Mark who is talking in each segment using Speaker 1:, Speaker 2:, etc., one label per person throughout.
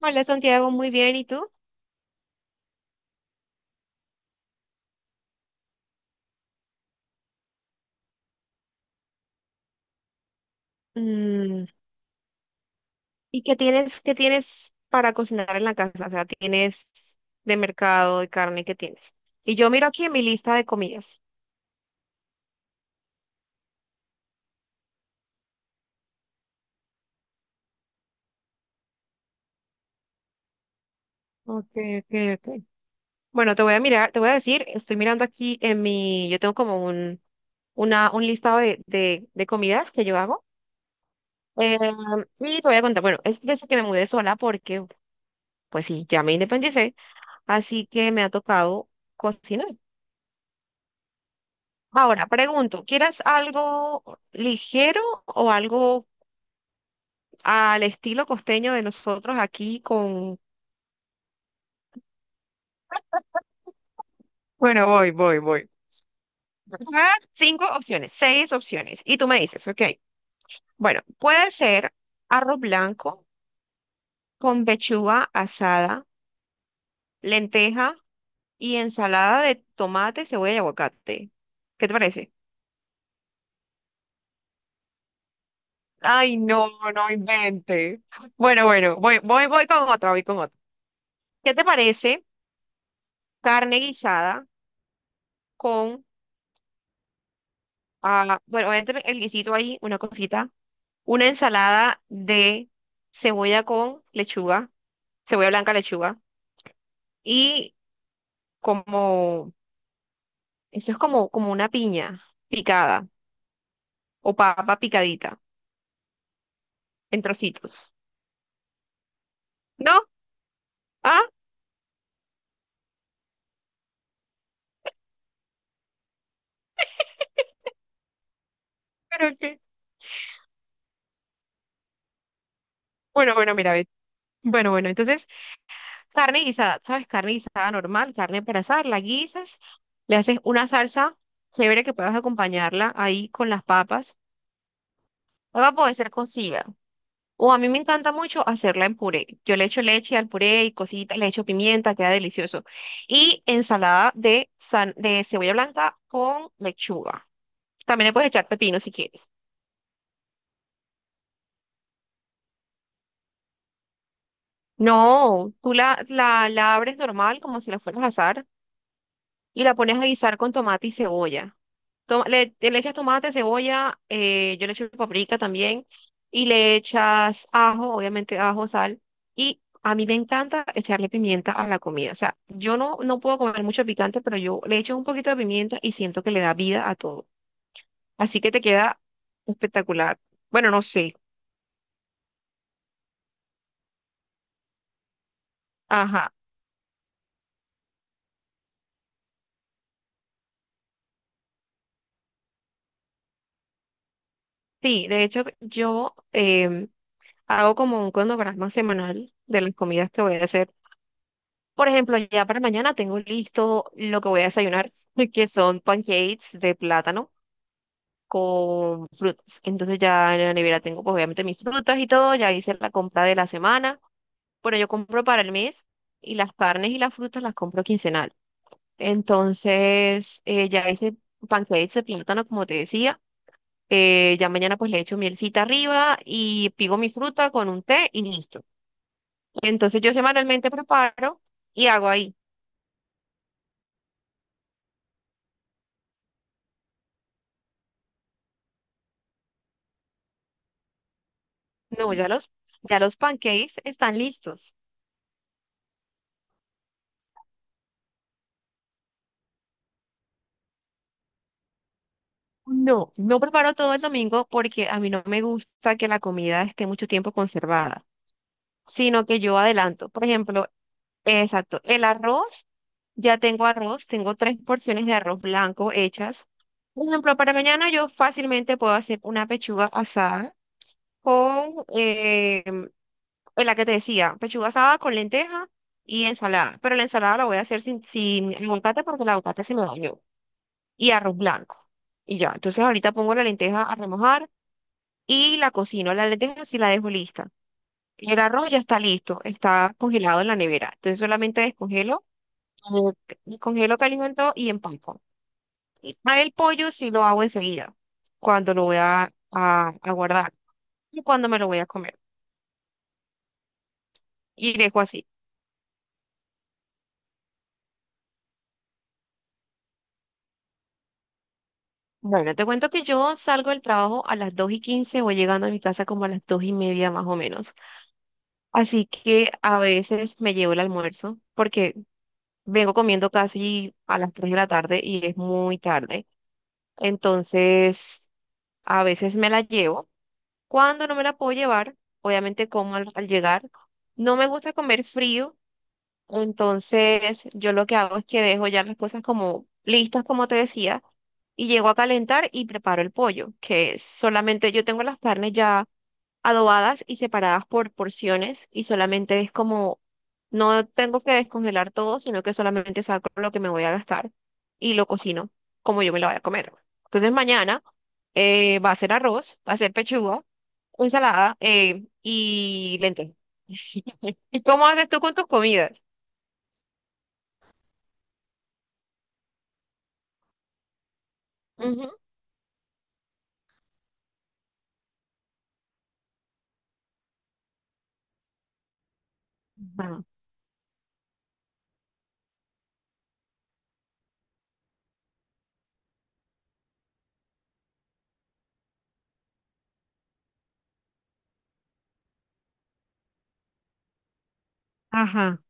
Speaker 1: Hola Santiago, muy bien. ¿Y tú? Mm, ¿Y qué tienes para cocinar en la casa? O sea, tienes de mercado, de carne, ¿qué tienes? Y yo miro aquí en mi lista de comidas. Ok, ok, ok. Bueno, te voy a mirar, te voy a decir, estoy mirando aquí en mi, yo tengo como un listado de comidas que yo hago. Eh, y te voy a contar, bueno, es desde que me mudé sola porque, pues sí, ya me independicé, así que me ha tocado cocinar. Ahora, pregunto, ¿quieres algo ligero o algo al estilo costeño de nosotros aquí con... Bueno, voy. Voy a dar cinco opciones, seis opciones. Y tú me dices, ok, bueno, puede ser arroz blanco con pechuga asada, lenteja y ensalada de tomate, cebolla y aguacate. ¿Qué te parece? Ay, no, no invente. Bueno, bueno, voy con otra, voy con otra. ¿Qué te parece carne guisada con? Ah, bueno, obviamente el guisito ahí, una cosita. Una ensalada de cebolla con lechuga, cebolla blanca, lechuga. Y como, eso es como una piña picada o papa picadita en trocitos. ¿No? Ah, pero qué. Bueno, bueno, mira, ve. Bueno, bueno, entonces carne guisada, ¿sabes? Carne guisada normal, carne para asar, la guisas, le haces una salsa chévere que puedas acompañarla ahí con las papas. Papa puede ser cocida. O a mí me encanta mucho hacerla en puré. Yo le echo leche al puré y cositas, le echo pimienta, queda delicioso. Y ensalada de cebolla blanca con lechuga. También le puedes echar pepino si quieres. No, tú la abres normal como si la fueras a asar y la pones a guisar con tomate y cebolla. Le echas tomate, cebolla, yo le echo paprika también, y le echas ajo, obviamente ajo, sal, y a mí me encanta echarle pimienta a la comida. O sea, yo no puedo comer mucho picante, pero yo le echo un poquito de pimienta y siento que le da vida a todo. Así que te queda espectacular. Bueno, no sé. Ajá. Sí, de hecho, yo em, hago como un cronograma semanal de las comidas que voy a hacer. Por ejemplo, ya para mañana tengo listo lo que voy a desayunar, que son pancakes de plátano con frutas. Entonces ya en la nevera tengo pues obviamente mis frutas y todo, ya hice la compra de la semana. Bueno, yo compro para el mes y las carnes y las frutas las compro quincenal. Entonces ya hice pancakes de plátano como te decía. Ya mañana pues le echo mielcita arriba y pigo mi fruta con un té y listo. Entonces yo semanalmente preparo y hago ahí. No, ya los pancakes están listos. No, no preparo todo el domingo porque a mí no me gusta que la comida esté mucho tiempo conservada, sino que yo adelanto. Por ejemplo, exacto, el arroz, ya tengo arroz, tengo tres porciones de arroz blanco hechas. Por ejemplo, para mañana yo fácilmente puedo hacer una pechuga asada con, en la que te decía, pechuga asada con lenteja y ensalada. Pero la ensalada la voy a hacer sin aguacate porque el aguacate se me dañó. Y arroz blanco. Y ya, entonces ahorita pongo la lenteja a remojar y la cocino. La lenteja sí la dejo lista. El arroz ya está listo, está congelado en la nevera. Entonces solamente eh, descongelo, caliento y empaco. Y a el pollo sí lo hago enseguida, cuando lo voy a guardar y cuando me lo voy a comer. Y dejo así. Bueno, te cuento que yo salgo del trabajo a las 2:15, voy llegando a mi casa como a las 2:30 más o menos. Así que a veces me llevo el almuerzo porque vengo comiendo casi a las 3 de la tarde y es muy tarde. Entonces, a veces me la llevo. Cuando no me la puedo llevar, obviamente como al llegar. No me gusta comer frío, entonces yo lo que hago es que dejo ya las cosas como listas, como te decía, y llego a calentar y preparo el pollo, que solamente yo tengo las carnes ya adobadas y separadas por porciones y solamente es como, no tengo que descongelar todo, sino que solamente saco lo que me voy a gastar y lo cocino como yo me lo voy a comer. Entonces mañana va a ser arroz, va a ser pechuga, ensalada, y lentejas. ¿Y cómo haces tú con tus comidas? Ujú. Ajá. Ajá.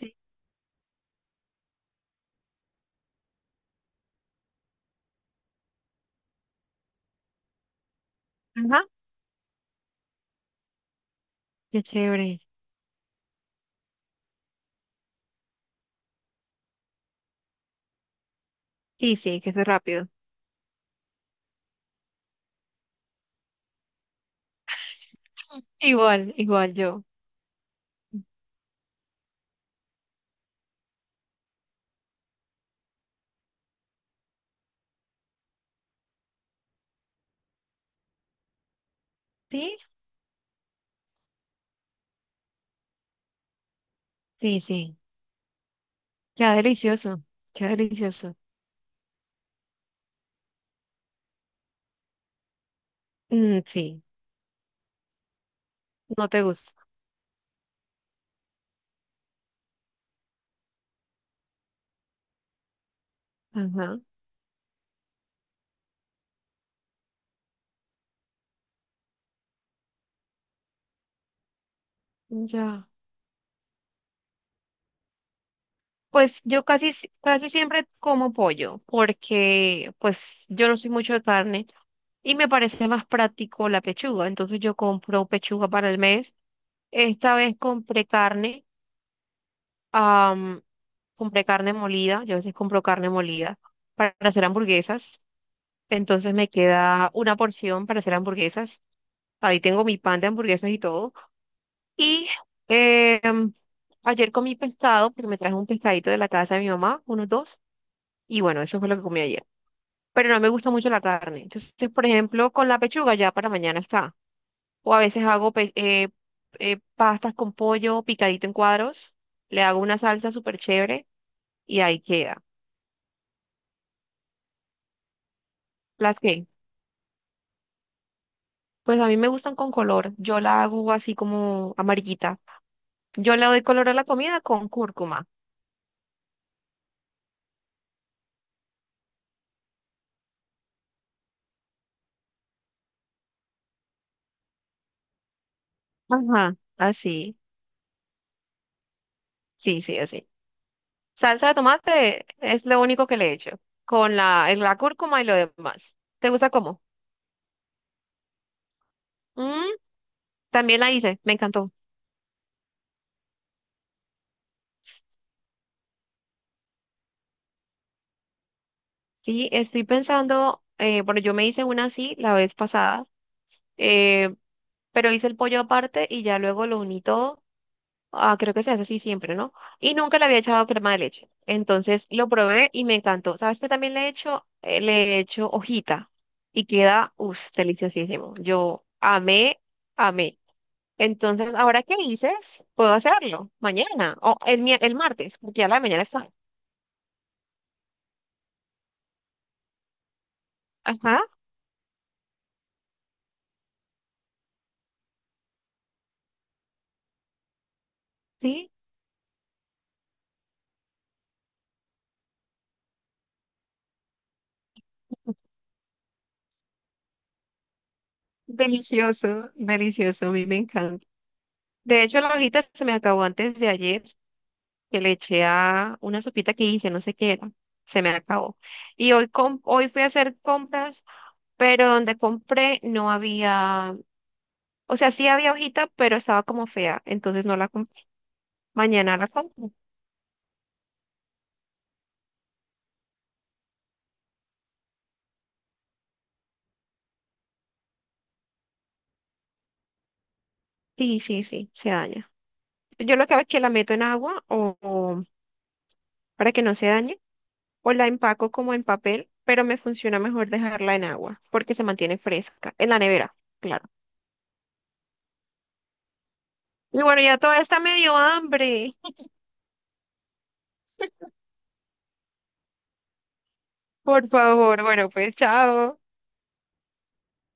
Speaker 1: Sí. Ajá. Qué chévere. Sí, sí, que eso es rápido. Igual, igual yo. ¿Sí? Sí, sí. Queda delicioso, queda delicioso. Mm, sí, no te gusta. Ajá, ya. Pues yo casi, si- casi siempre como pollo, porque pues yo no soy mucho de carne y me parece más práctico la pechuga. Entonces yo compro pechuga para el mes. Esta vez compré carne, am, compré carne molida. Yo a veces compro carne molida para hacer hamburguesas. Entonces me queda una porción para hacer hamburguesas. Ahí tengo mi pan de hamburguesas y todo. Y eh, ayer comí pescado, porque me traje un pescadito de la casa de mi mamá, unos dos, y bueno, eso fue lo que comí ayer. Pero no me gusta mucho la carne. Entonces, por ejemplo, con la pechuga ya para mañana está. O a veces hago pastas con pollo picadito en cuadros, le hago una salsa súper chévere y ahí queda. ¿Las que? Pues a mí me gustan con color. Yo la hago así como amarillita. Yo le doy color a la comida con cúrcuma. Ajá, así. Sí, sí, así. Salsa de tomate es lo único que le he hecho, con la cúrcuma y lo demás. ¿Te gusta cómo? Mm, También la hice, me encantó. Sí, estoy pensando, bueno, yo me hice una así la vez pasada, eh, pero hice el pollo aparte y ya luego lo uní todo. Ah, creo que se hace así siempre, ¿no? Y nunca le había echado crema de leche. Entonces lo probé y me encantó. ¿Sabes qué también le he hecho? Le he hecho hojita y queda, uff, deliciosísimo. Yo amé, amé. Entonces, ahora que dices, puedo hacerlo mañana o el martes, porque ya la de mañana está. Ajá, sí, delicioso, delicioso, a mí me encanta. De hecho, la hojita se me acabó antes de ayer, que le eché a una sopita que hice, no sé qué era, se me acabó. Y hoy fui a hacer compras, pero donde compré no había, o sea, sí había hojita, pero estaba como fea, entonces no la compré. Mañana la compro. Sí, sí, sí, se daña. Yo lo que hago es que la meto en agua o para que no se dañe, o la empaco como en papel, pero me funciona mejor dejarla en agua porque se mantiene fresca, en la nevera, claro. Y bueno, ya toda esta me dio hambre. Por favor, bueno, pues chao.